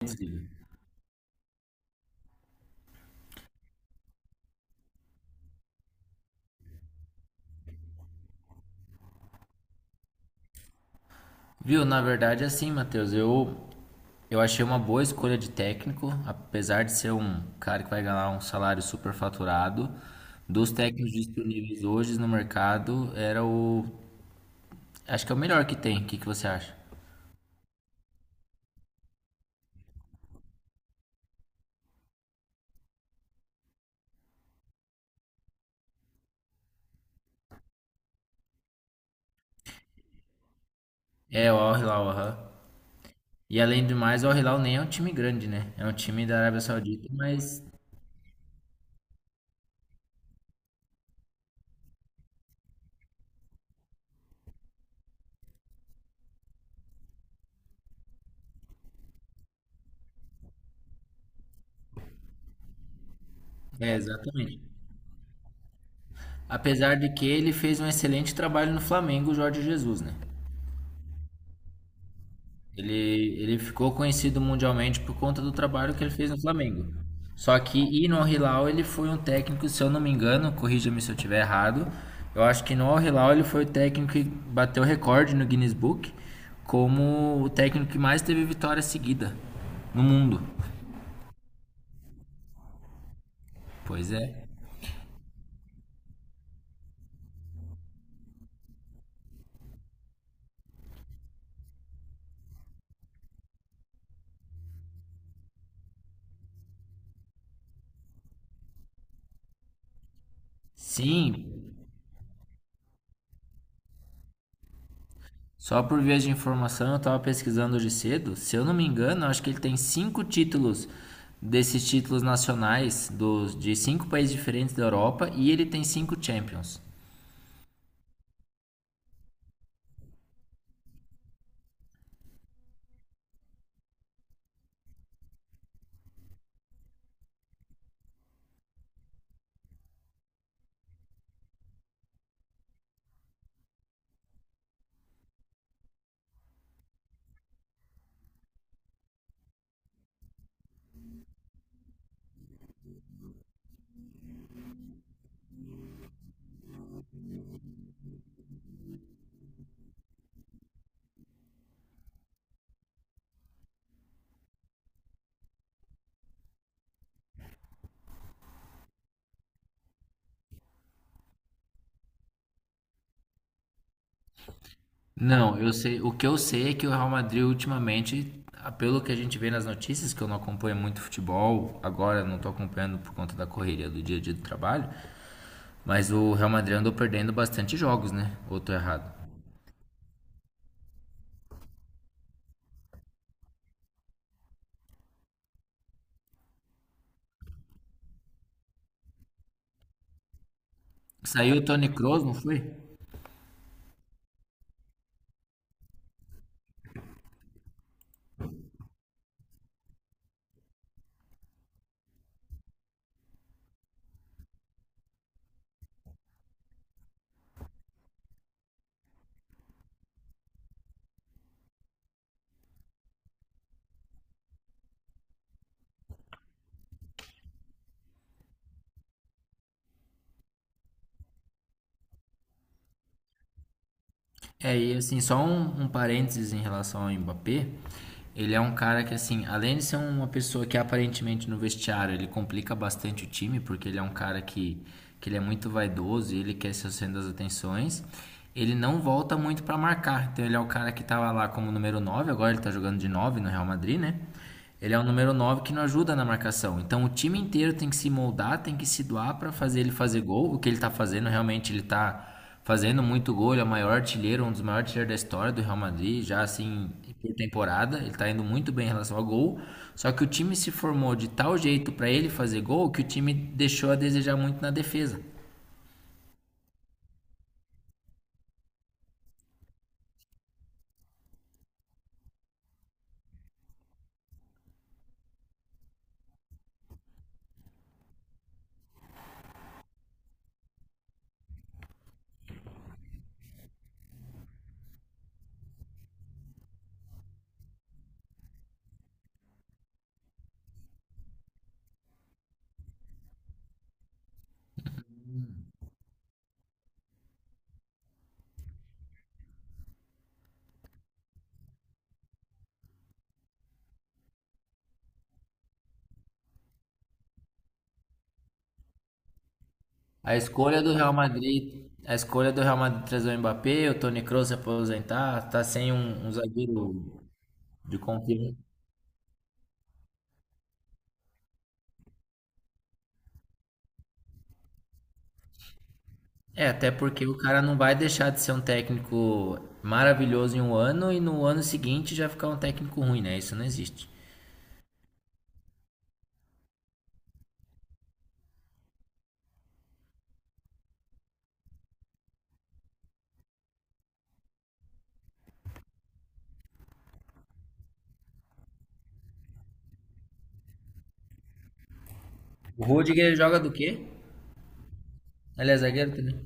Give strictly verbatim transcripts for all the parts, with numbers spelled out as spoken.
Entendi. Viu, na verdade, é assim, Matheus, eu, eu achei uma boa escolha de técnico, apesar de ser um cara que vai ganhar um salário super faturado. Dos técnicos disponíveis hoje no mercado, era o. Acho que é o melhor que tem. O que que você acha? É, o Al Hilal, aham. E além do mais, o Al Hilal nem é um time grande, né? É um time da Arábia Saudita, mas. É, exatamente. Apesar de que ele fez um excelente trabalho no Flamengo, o Jorge Jesus, né? Ele, ele ficou conhecido mundialmente por conta do trabalho que ele fez no Flamengo. Só que e no Al-Hilal ele foi um técnico, se eu não me engano, corrija-me se eu estiver errado. Eu acho que no Al-Hilal ele foi o técnico que bateu recorde no Guinness Book como o técnico que mais teve vitória seguida no mundo. Pois é. Sim, só por via de informação, eu estava pesquisando hoje cedo. Se eu não me engano, eu acho que ele tem cinco títulos desses títulos nacionais dos, de cinco países diferentes da Europa e ele tem cinco Champions. Não, eu sei. O que eu sei é que o Real Madrid ultimamente, ah, pelo que a gente vê nas notícias, que eu não acompanho muito futebol, agora não estou acompanhando por conta da correria do dia a dia do trabalho, mas o Real Madrid andou perdendo bastante jogos, né? Ou tô errado? Saiu o Toni Kroos, não foi? É, e assim, só um, um parênteses em relação ao Mbappé. Ele é um cara que, assim, além de ser uma pessoa que aparentemente no vestiário ele complica bastante o time, porque ele é um cara que, que ele é muito vaidoso e ele quer ser o centro das atenções. Ele não volta muito pra marcar. Então ele é o cara que tava lá como número nove. Agora ele tá jogando de nove no Real Madrid, né? Ele é o número nove que não ajuda na marcação. Então o time inteiro tem que se moldar, tem que se doar pra fazer ele fazer gol. O que ele tá fazendo realmente ele tá fazendo muito gol, ele é o maior artilheiro, um dos maiores artilheiros da história do Real Madrid, já assim por temporada, ele tá indo muito bem em relação ao gol. Só que o time se formou de tal jeito para ele fazer gol que o time deixou a desejar muito na defesa. A escolha do Real Madrid, a escolha do Real Madrid trazer o Mbappé, o Toni Kroos se aposentar, tá sem um, um zagueiro de confiança. É, até porque o cara não vai deixar de ser um técnico maravilhoso em um ano e no ano seguinte já ficar um técnico ruim, né? Isso não existe. O Rudiger joga do quê? Ele é zagueiro também.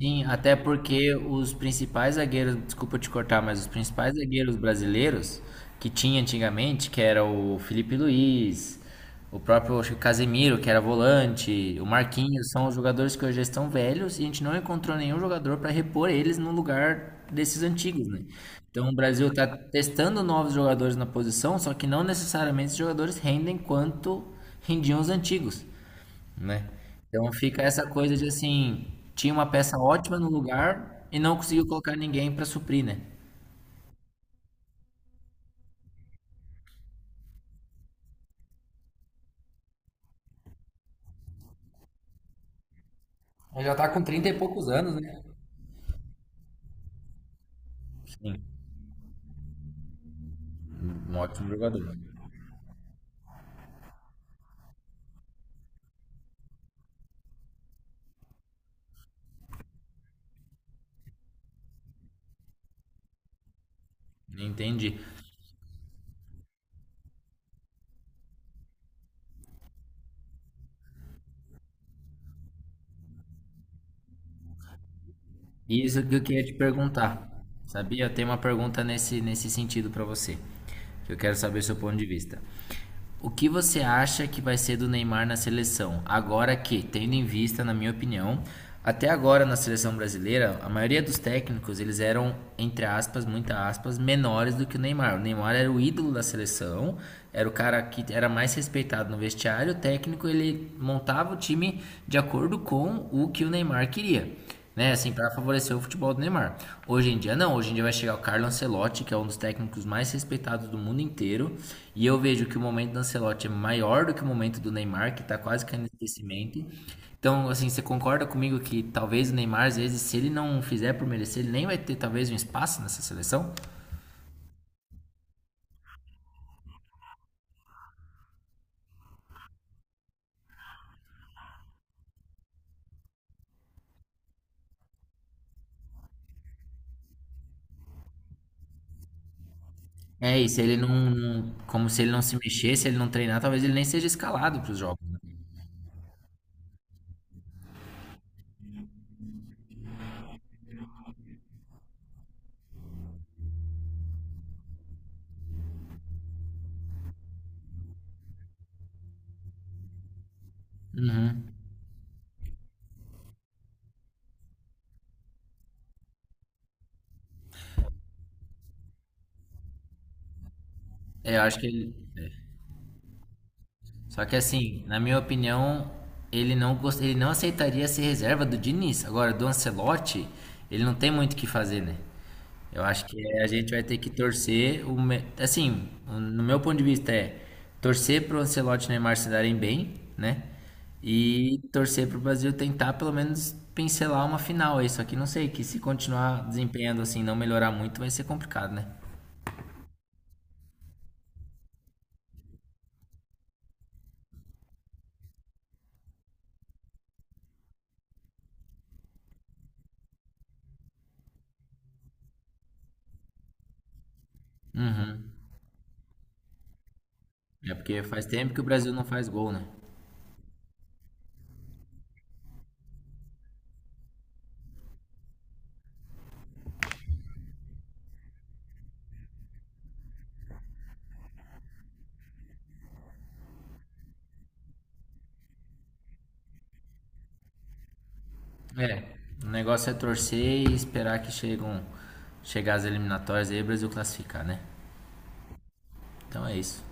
Sim, até porque os principais zagueiros, desculpa te cortar, mas os principais zagueiros brasileiros que tinha antigamente, que era o Felipe Luiz, o próprio acho que Casemiro, que era volante, o Marquinhos, são os jogadores que hoje já estão velhos e a gente não encontrou nenhum jogador para repor eles no lugar desses antigos, né? Então o Brasil está testando novos jogadores na posição, só que não necessariamente esses jogadores rendem quanto rendiam os antigos. né? Então fica essa coisa de assim, tinha uma peça ótima no lugar e não conseguiu colocar ninguém para suprir, né? Ele já tá com trinta e poucos anos, né? Sim, um ótimo jogador. Entendi. Isso que eu queria te perguntar. Sabia? Eu tenho uma pergunta nesse, nesse sentido para você. Que eu quero saber seu ponto de vista. O que você acha que vai ser do Neymar na seleção? Agora que, tendo em vista, na minha opinião, até agora na seleção brasileira, a maioria dos técnicos, eles eram, entre aspas, muitas aspas, menores do que o Neymar. O Neymar era o ídolo da seleção, era o cara que era mais respeitado no vestiário, o técnico, ele montava o time de acordo com o que o Neymar queria né, assim, para favorecer o futebol do Neymar. Hoje em dia não, hoje em dia vai chegar o Carlo Ancelotti, que é um dos técnicos mais respeitados do mundo inteiro, e eu vejo que o momento do Ancelotti é maior do que o momento do Neymar, que tá quase caindo em esquecimento. Então, assim, você concorda comigo que talvez o Neymar, às vezes, se ele não fizer por merecer, ele nem vai ter talvez um espaço nessa seleção? É, e se ele não, não- como se ele não se mexer, se ele não treinar, talvez ele nem seja escalado para os jogos. né? É, eu acho que ele. Só que assim, na minha opinião, ele não gost... ele não aceitaria ser reserva do Diniz. Agora, do Ancelotti, ele não tem muito o que fazer, né? Eu acho que é, a gente vai ter que torcer o me- assim, no meu ponto de vista é torcer pro Ancelotti e Neymar se darem bem, né? E torcer pro Brasil tentar pelo menos pincelar uma final aí, só que não sei que se continuar desempenhando assim, não melhorar muito, vai ser complicado, né? É porque faz tempo que o Brasil não faz gol, né? É, o negócio é torcer e esperar que chegam, chegar as eliminatórias aí e o Brasil classificar, né? Então é isso.